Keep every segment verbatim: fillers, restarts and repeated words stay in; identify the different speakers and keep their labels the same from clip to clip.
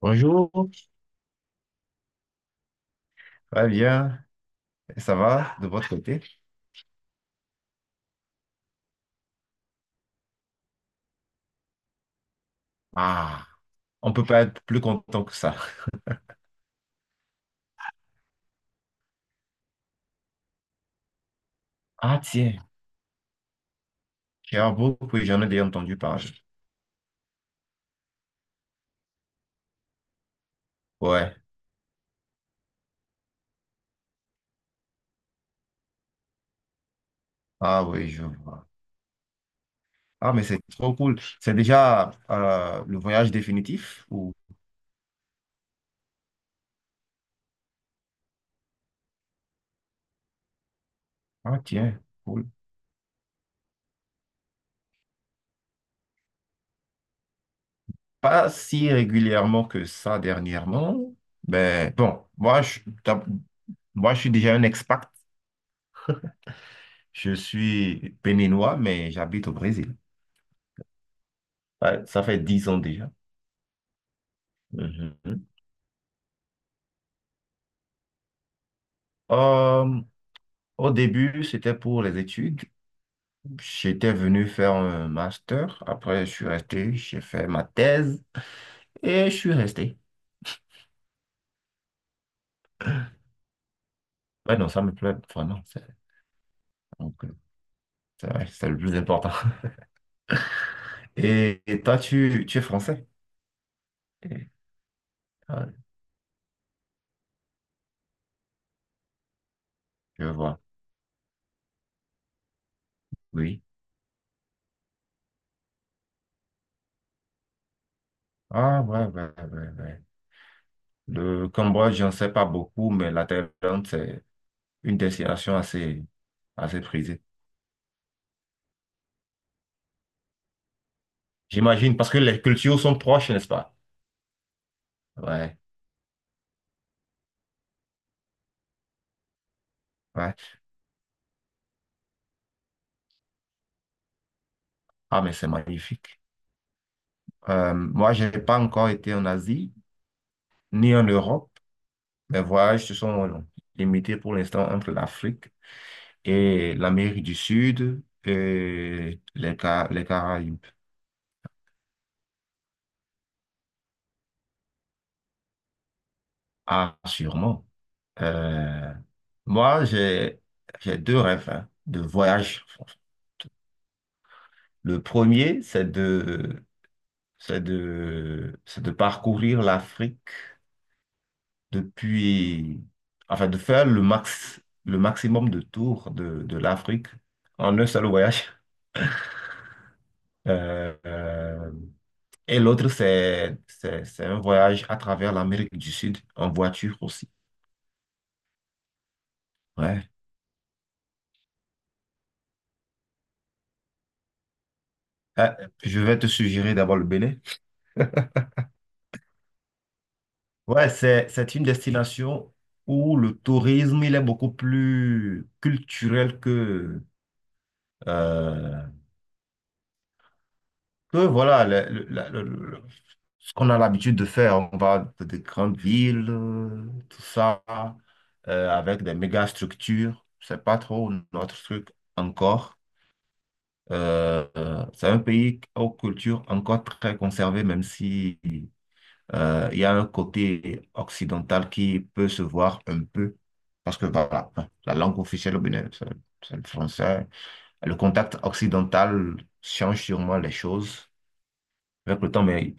Speaker 1: Bonjour, ça va bien? Et Ça va de votre côté? Ah, on peut pas être plus content que ça. Ah tiens, Sherbrooke, oui, j'en ai déjà entendu parler. Ouais, ah oui, je vois. Ah mais c'est trop cool. C'est déjà euh, le voyage définitif ou... Ah tiens, cool. Pas si régulièrement que ça dernièrement, mais bon, moi je, d'ab- moi, je suis déjà un expat. Je suis béninois, mais j'habite au Brésil. Ouais, ça fait dix ans déjà. Mhm. Euh, Au début, c'était pour les études. J'étais venu faire un master. Après, je suis resté, j'ai fait ma thèse et je suis resté. Ouais, non, ça me plaît vraiment. C'est donc, euh, c'est vrai, c'est le plus important. Et, et toi, tu, tu es français? Et- ah, je vois. Oui. Ah, ouais, ouais, ouais, ouais. Le Cambodge, j'en sais pas beaucoup, mais la Thaïlande, c'est une destination assez, assez prisée. J'imagine, parce que les cultures sont proches, n'est-ce pas? Ouais, ouais. Ah, mais c'est magnifique. Euh, moi, je n'ai pas encore été en Asie ni en Europe. Mes voyages se sont limités pour l'instant entre l'Afrique et l'Amérique du Sud et les, Ca- les Caraïbes. Ah, sûrement. Euh, Moi, j'ai, j'ai deux rêves hein, de voyage. Le premier, c'est de, c'est de, c'est de parcourir l'Afrique depuis, enfin, de faire le max, le maximum de tours de, de l'Afrique en un seul voyage. Euh, euh, et l'autre, c'est, c'est, c'est un voyage à travers l'Amérique du Sud en voiture aussi. Ouais. Ah, je vais te suggérer d'abord le Bénin. Ouais, c'est, c'est une destination où le tourisme, il est beaucoup plus culturel que, euh, que voilà, le- le- la- le- le- ce qu'on a l'habitude de faire, on va dans des grandes villes, euh, tout ça, euh, avec des méga structures. C'est pas trop notre truc encore. Euh, euh, c'est un pays aux cultures encore très conservées, même si euh, il y a un côté occidental qui peut se voir un peu. Parce que voilà, enfin, la langue officielle au Bénin, c'est c'est le français. Le contact occidental change sûrement les choses avec le temps, mais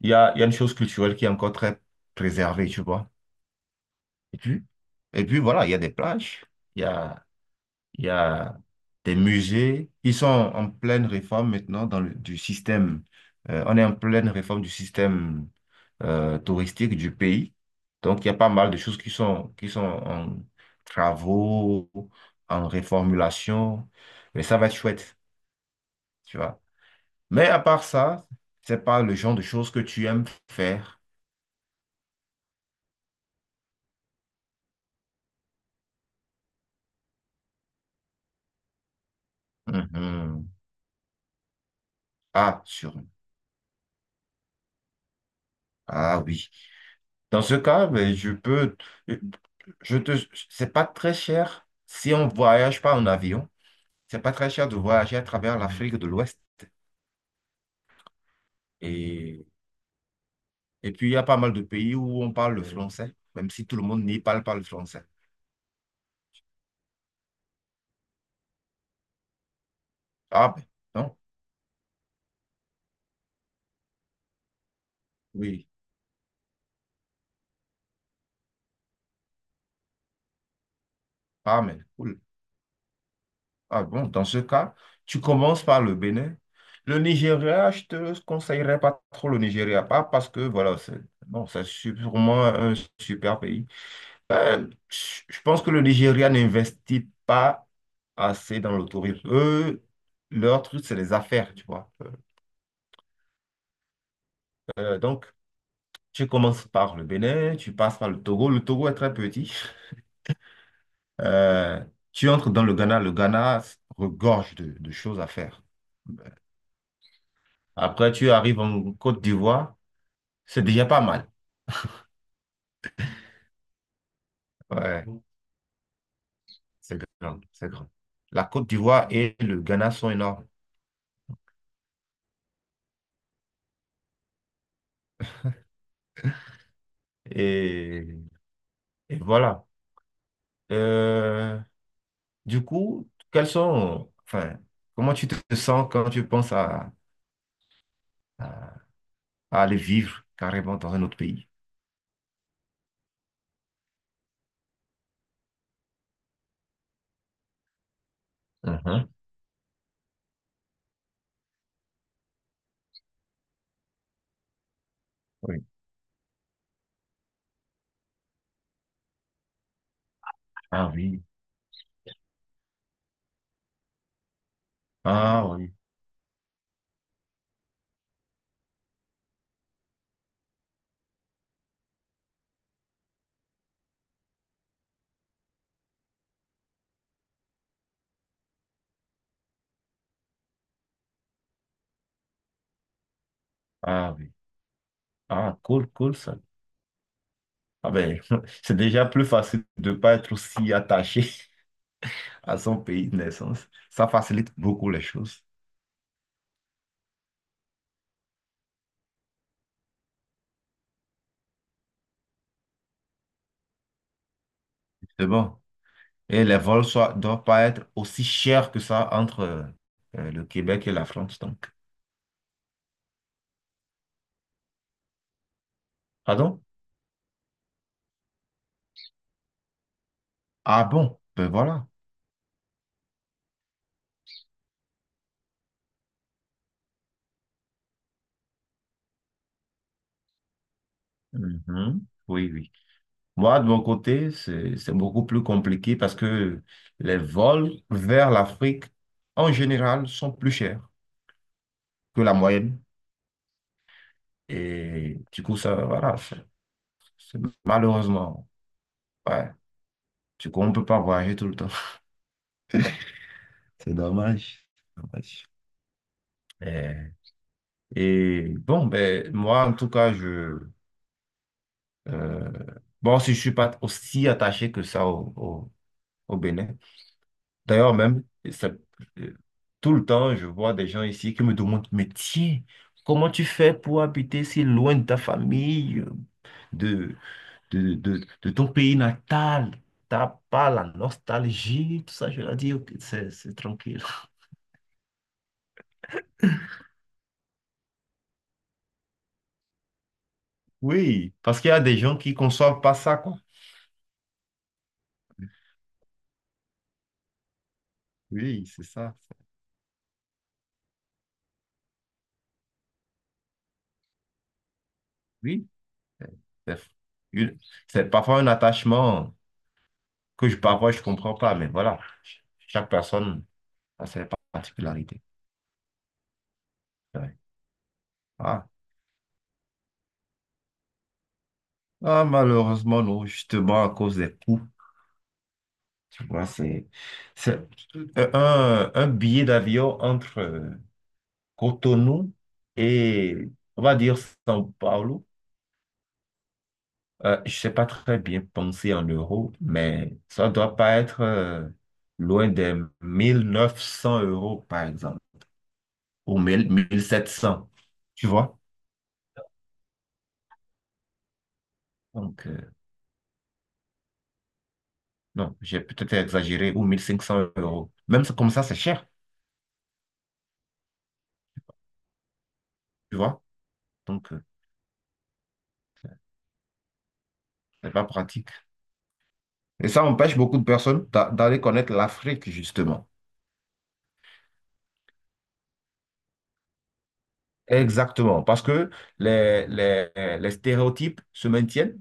Speaker 1: il y a, il y a une chose culturelle qui est encore très préservée, tu vois. Et puis, et puis voilà, il y a des plages, il y a, il y a des musées. Ils sont en pleine réforme maintenant dans le, du système. Euh, on est en pleine réforme du système euh, touristique du pays. Donc, il y a pas mal de choses qui sont, qui sont en travaux, en réformulation. Mais ça va être chouette, tu vois. Mais à part ça, c'est pas le genre de choses que tu aimes faire. Mhm. Ah, sur... Ah oui. Dans ce cas, ben, je peux... Je te... C'est pas très cher si on voyage pas en avion. C'est pas très cher de voyager à travers l'Afrique de l'Ouest. Et... Et puis, il y a pas mal de pays où on parle le français, même si tout le monde n'y parle pas le français. Ah ben, non. Oui. Ah mais cool. Ah bon, dans ce cas, tu commences par le Bénin. Le Nigeria, je te conseillerais pas trop le Nigeria, pas parce que, voilà, c'est... Non, c'est sûrement un super pays. Ben, je je pense que le Nigeria n'investit pas assez dans le tourisme. Eux, leur truc, c'est les affaires, tu vois. Euh, donc, tu commences par le Bénin, tu passes par le Togo. Le Togo est très petit. Euh, Tu entres dans le Ghana. Le Ghana regorge de, de choses à faire. Après, tu arrives en Côte d'Ivoire. C'est déjà pas mal. Ouais, c'est grand, c'est grand. La Côte d'Ivoire et le Ghana sont énormes. Et, et voilà. Euh, Du coup, quels sont, enfin, comment tu te sens quand tu penses à, à- à aller vivre carrément dans un autre pays? Mhm. Oui. Ah oui, ah oui, ah oui. Ah, cool, cool ça. Ah ben, c'est déjà plus facile de ne pas être aussi attaché à son pays de naissance. Ça facilite beaucoup les choses. C'est bon. Et les vols ne doivent pas être aussi chers que ça entre euh, euh, le Québec et la France, donc. Pardon? Ah bon? Ben voilà. Mhm. Oui, oui. Moi, de mon côté, c'est, c'est beaucoup plus compliqué parce que les vols vers l'Afrique, en général, sont plus chers que la moyenne. Et du coup, ça, voilà, c'est c'est malheureusement, ouais. Du coup, on ne peut pas voyager tout le temps. C'est dommage. Dommage. Euh, Et, bon, ben, moi, en tout cas, je, euh, bon, si je suis pas aussi attaché que ça au, au, au Bénin. D'ailleurs, même, ça- euh, tout le temps, je vois des gens ici qui me demandent, mais tiens, comment tu fais pour habiter si loin de ta famille, euh, de, de, de, de ton pays natal? T'as pas la nostalgie, tout ça. Je leur dis, ok, c'est c'est tranquille. Oui, parce qu'il y a des gens qui ne conçoivent pas ça, quoi. Oui, c'est ça. Oui, c'est une- c'est parfois un attachement que je, parfois je comprends pas, mais voilà, ch- chaque personne a ses particularités. Ouais. Ah. Ah, malheureusement, non, justement, à cause des coûts, tu vois, c'est, c'est euh, un, un billet d'avion entre euh, Cotonou et, on va dire, São Paulo. Euh, je ne sais pas très bien penser en euros, mais ça ne doit pas être euh, loin des mille neuf cents euros, par exemple, ou mille, mille sept cents, tu vois. Donc, euh, non, j'ai peut-être exagéré, ou mille cinq cents euros. Même ça- comme ça, c'est cher, tu vois. Donc, euh, c'est pas pratique. Et ça empêche beaucoup de personnes d'a- d'aller connaître l'Afrique, justement. Exactement, parce que les, les, les stéréotypes se maintiennent.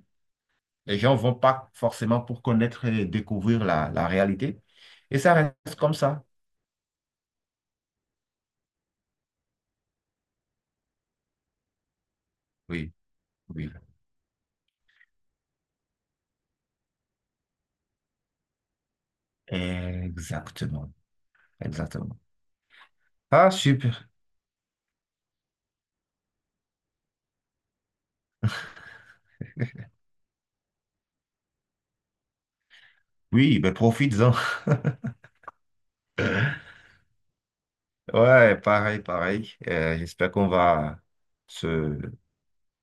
Speaker 1: Les gens vont pas forcément pour connaître et découvrir la, la réalité. Et ça reste comme ça. Oui, oui. Exactement, exactement. Ah, super. Oui, ben profites-en. Ouais, pareil, pareil. Euh, j'espère qu'on va se,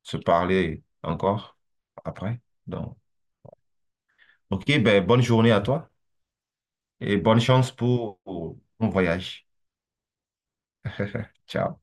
Speaker 1: se parler encore après. Donc, ok, ben bonne journée à toi. et bonne chance pour pour ton voyage. Ciao.